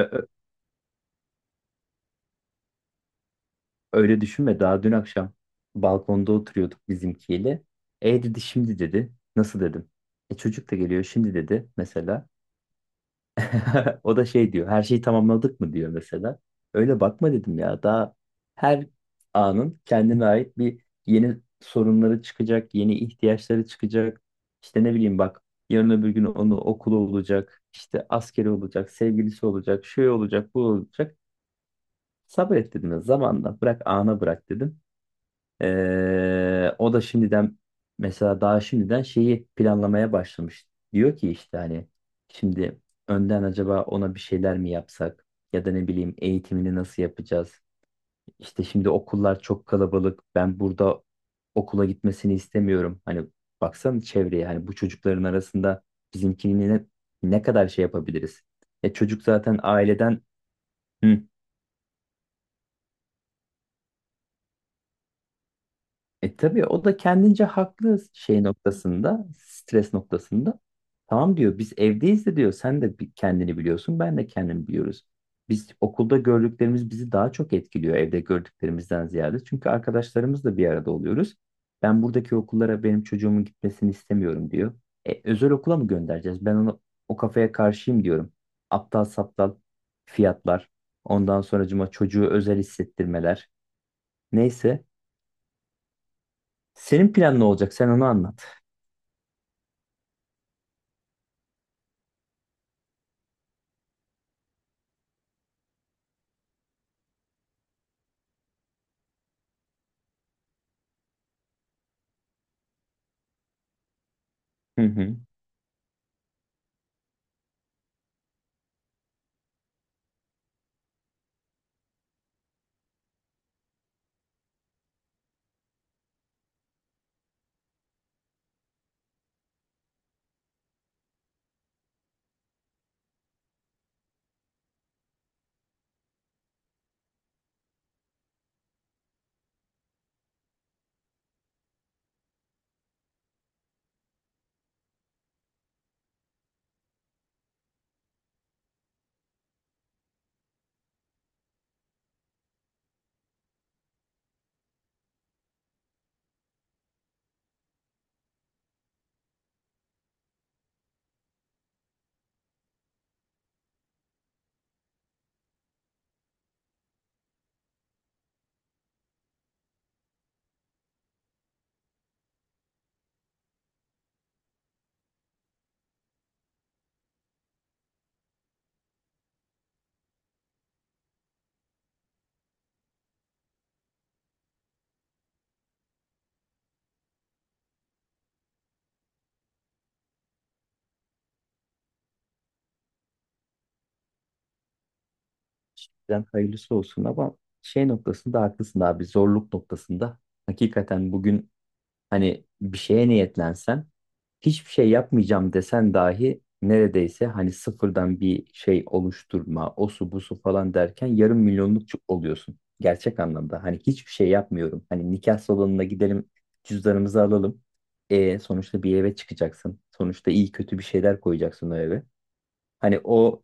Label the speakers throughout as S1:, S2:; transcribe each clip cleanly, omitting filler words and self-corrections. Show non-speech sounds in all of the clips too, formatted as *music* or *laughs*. S1: Ö- ö- öyle düşünme. Daha dün akşam balkonda oturuyorduk bizimkiyle. E dedi şimdi dedi. Nasıl dedim. E çocuk da geliyor şimdi dedi mesela. *laughs* O da şey diyor. Her şeyi tamamladık mı diyor mesela. Öyle bakma dedim ya. Daha her anın kendine ait bir yeni sorunları çıkacak, yeni ihtiyaçları çıkacak. İşte ne bileyim bak yarın öbür gün onu okulu olacak, işte askeri olacak, sevgilisi olacak, şey olacak, bu olacak. Sabret dedim ya zamanla bırak ana bırak dedim. O da şimdiden mesela daha şimdiden şeyi planlamaya başlamış. Diyor ki işte hani şimdi önden acaba ona bir şeyler mi yapsak, ya da ne bileyim eğitimini nasıl yapacağız? İşte şimdi okullar çok kalabalık. Ben burada okula gitmesini istemiyorum. Hani baksana çevreye, hani bu çocukların arasında bizimkini ne kadar şey yapabiliriz? E çocuk zaten aileden. Hı. E tabii o da kendince haklı şey noktasında, stres noktasında. Tamam diyor, biz evdeyiz de diyor, sen de kendini biliyorsun, ben de kendimi biliyoruz. Biz okulda gördüklerimiz bizi daha çok etkiliyor evde gördüklerimizden ziyade. Çünkü arkadaşlarımızla bir arada oluyoruz. Ben buradaki okullara benim çocuğumun gitmesini istemiyorum diyor. E, özel okula mı göndereceğiz? Ben onu o kafaya karşıyım diyorum. Aptal saptal fiyatlar. Ondan sonracıma çocuğu özel hissettirmeler. Neyse. Senin plan ne olacak? Sen onu anlat. Hı hı. Şimdiden hayırlısı olsun, ama şey noktasında haklısın abi, zorluk noktasında hakikaten bugün hani bir şeye niyetlensen, hiçbir şey yapmayacağım desen dahi, neredeyse hani sıfırdan bir şey oluşturma, o su bu su falan derken yarım milyonluk oluyorsun. Gerçek anlamda hani hiçbir şey yapmıyorum. Hani nikah salonuna gidelim, cüzdanımızı alalım. E, sonuçta bir eve çıkacaksın. Sonuçta iyi kötü bir şeyler koyacaksın o eve. Hani o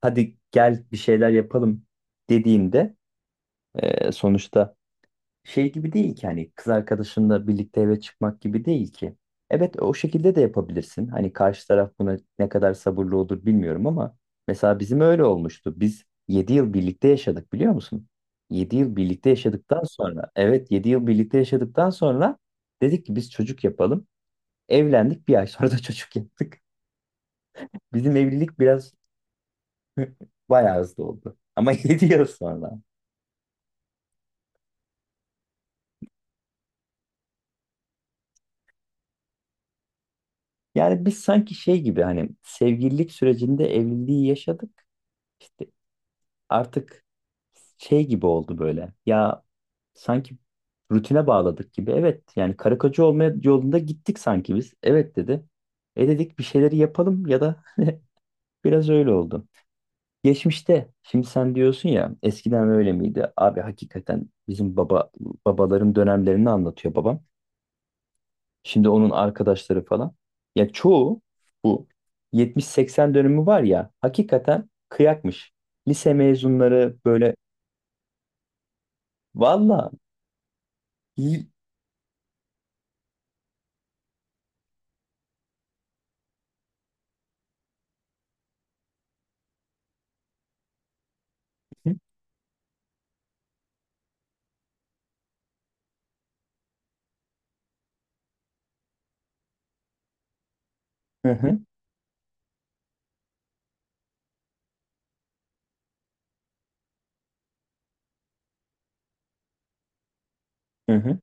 S1: hadi gel bir şeyler yapalım dediğimde, e, sonuçta şey gibi değil ki, hani kız arkadaşınla birlikte eve çıkmak gibi değil ki. Evet, o şekilde de yapabilirsin. Hani karşı taraf buna ne kadar sabırlı olur bilmiyorum, ama mesela bizim öyle olmuştu. Biz 7 yıl birlikte yaşadık biliyor musun? 7 yıl birlikte yaşadıktan sonra, evet 7 yıl birlikte yaşadıktan sonra dedik ki biz çocuk yapalım. Evlendik, bir ay sonra da *laughs* çocuk yaptık. Bizim evlilik biraz bayağı hızlı oldu. Ama *laughs* 7 yıl sonra. Yani biz sanki şey gibi, hani sevgililik sürecinde evliliği yaşadık. İşte artık şey gibi oldu böyle. Ya sanki rutine bağladık gibi. Evet yani karı koca olma yolunda gittik sanki biz. Evet dedi. E dedik bir şeyleri yapalım, ya da biraz öyle oldu. Geçmişte şimdi sen diyorsun ya, eskiden öyle miydi? Abi hakikaten bizim babaların dönemlerini anlatıyor babam. Şimdi onun arkadaşları falan. Ya çoğu bu 70 80 dönümü var ya, hakikaten kıyakmış. Lise mezunları böyle valla li- Hı hı, hı hı.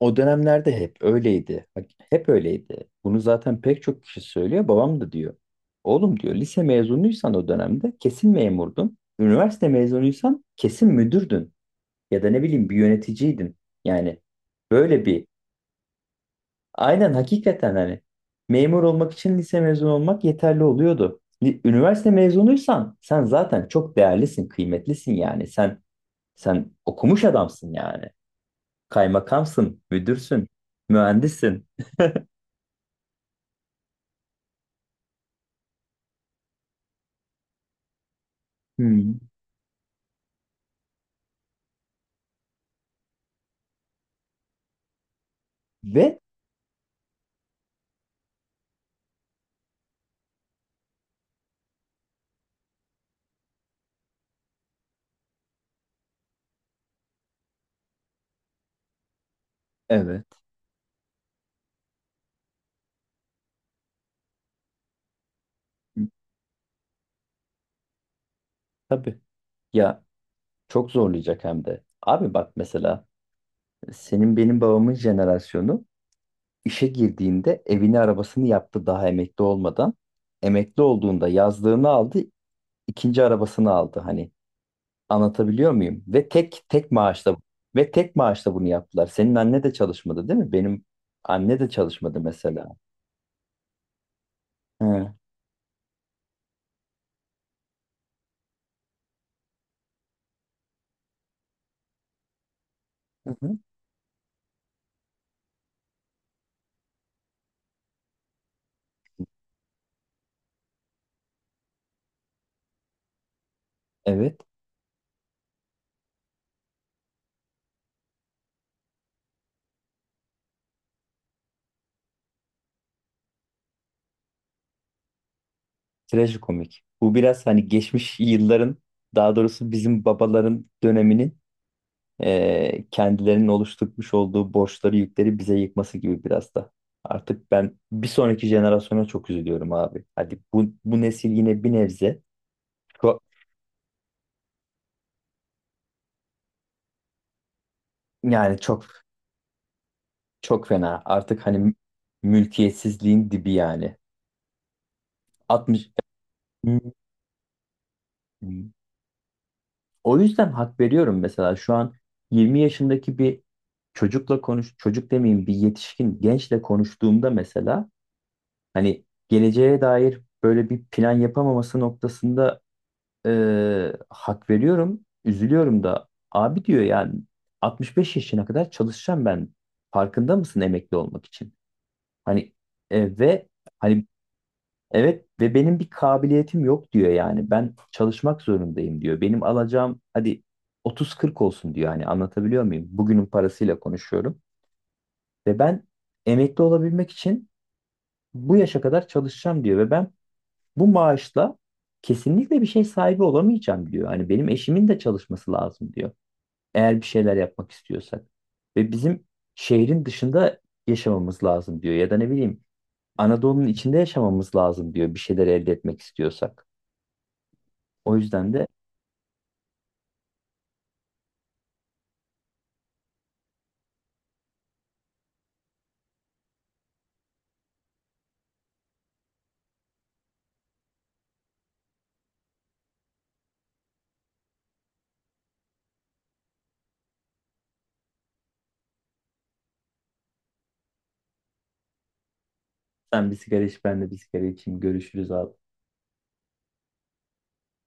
S1: O dönemlerde hep öyleydi. Bak, hep öyleydi. Bunu zaten pek çok kişi söylüyor. Babam da diyor. Oğlum diyor, lise mezunuysan o dönemde kesin memurdun. Üniversite mezunuysan kesin müdürdün. Ya da ne bileyim bir yöneticiydin. Yani böyle bir. Aynen, hakikaten hani memur olmak için lise mezunu olmak yeterli oluyordu. Üniversite mezunuysan sen zaten çok değerlisin, kıymetlisin yani. Sen okumuş adamsın yani. Kaymakamsın, müdürsün, mühendissin. Hmm. Ve evet. Tabii. Ya çok zorlayacak hem de. Abi bak, mesela senin benim babamın jenerasyonu işe girdiğinde evini arabasını yaptı daha emekli olmadan. Emekli olduğunda yazlığını aldı, ikinci arabasını aldı, hani anlatabiliyor muyum? Ve tek maaşla bunu yaptılar. Senin anne de çalışmadı değil mi? Benim anne de çalışmadı mesela. He. Hı hı. Evet. Trajikomik. Bu biraz hani geçmiş yılların, daha doğrusu bizim babaların döneminin kendilerinin oluşturmuş olduğu borçları yükleri bize yıkması gibi biraz da. Artık ben bir sonraki jenerasyona çok üzülüyorum abi. Hadi bu nesil yine bir nebze çok, yani çok. Çok fena. Artık hani mülkiyetsizliğin dibi yani. 60. O yüzden hak veriyorum, mesela şu an 20 yaşındaki bir çocukla konuş, çocuk demeyeyim bir yetişkin gençle konuştuğumda mesela hani geleceğe dair böyle bir plan yapamaması noktasında, e, hak veriyorum. Üzülüyorum da abi diyor yani, 65 yaşına kadar çalışacağım ben. Farkında mısın, emekli olmak için? Hani ve hani. Evet ve benim bir kabiliyetim yok diyor yani. Ben çalışmak zorundayım diyor. Benim alacağım hadi otuz kırk olsun diyor. Hani anlatabiliyor muyum? Bugünün parasıyla konuşuyorum. Ve ben emekli olabilmek için bu yaşa kadar çalışacağım diyor. Ve ben bu maaşla kesinlikle bir şey sahibi olamayacağım diyor. Hani benim eşimin de çalışması lazım diyor. Eğer bir şeyler yapmak istiyorsak. Ve bizim şehrin dışında yaşamamız lazım diyor. Ya da ne bileyim Anadolu'nun içinde yaşamamız lazım diyor. Bir şeyler elde etmek istiyorsak. O yüzden de sen bir sigara iç, ben de bir sigara içeyim, görüşürüz abi.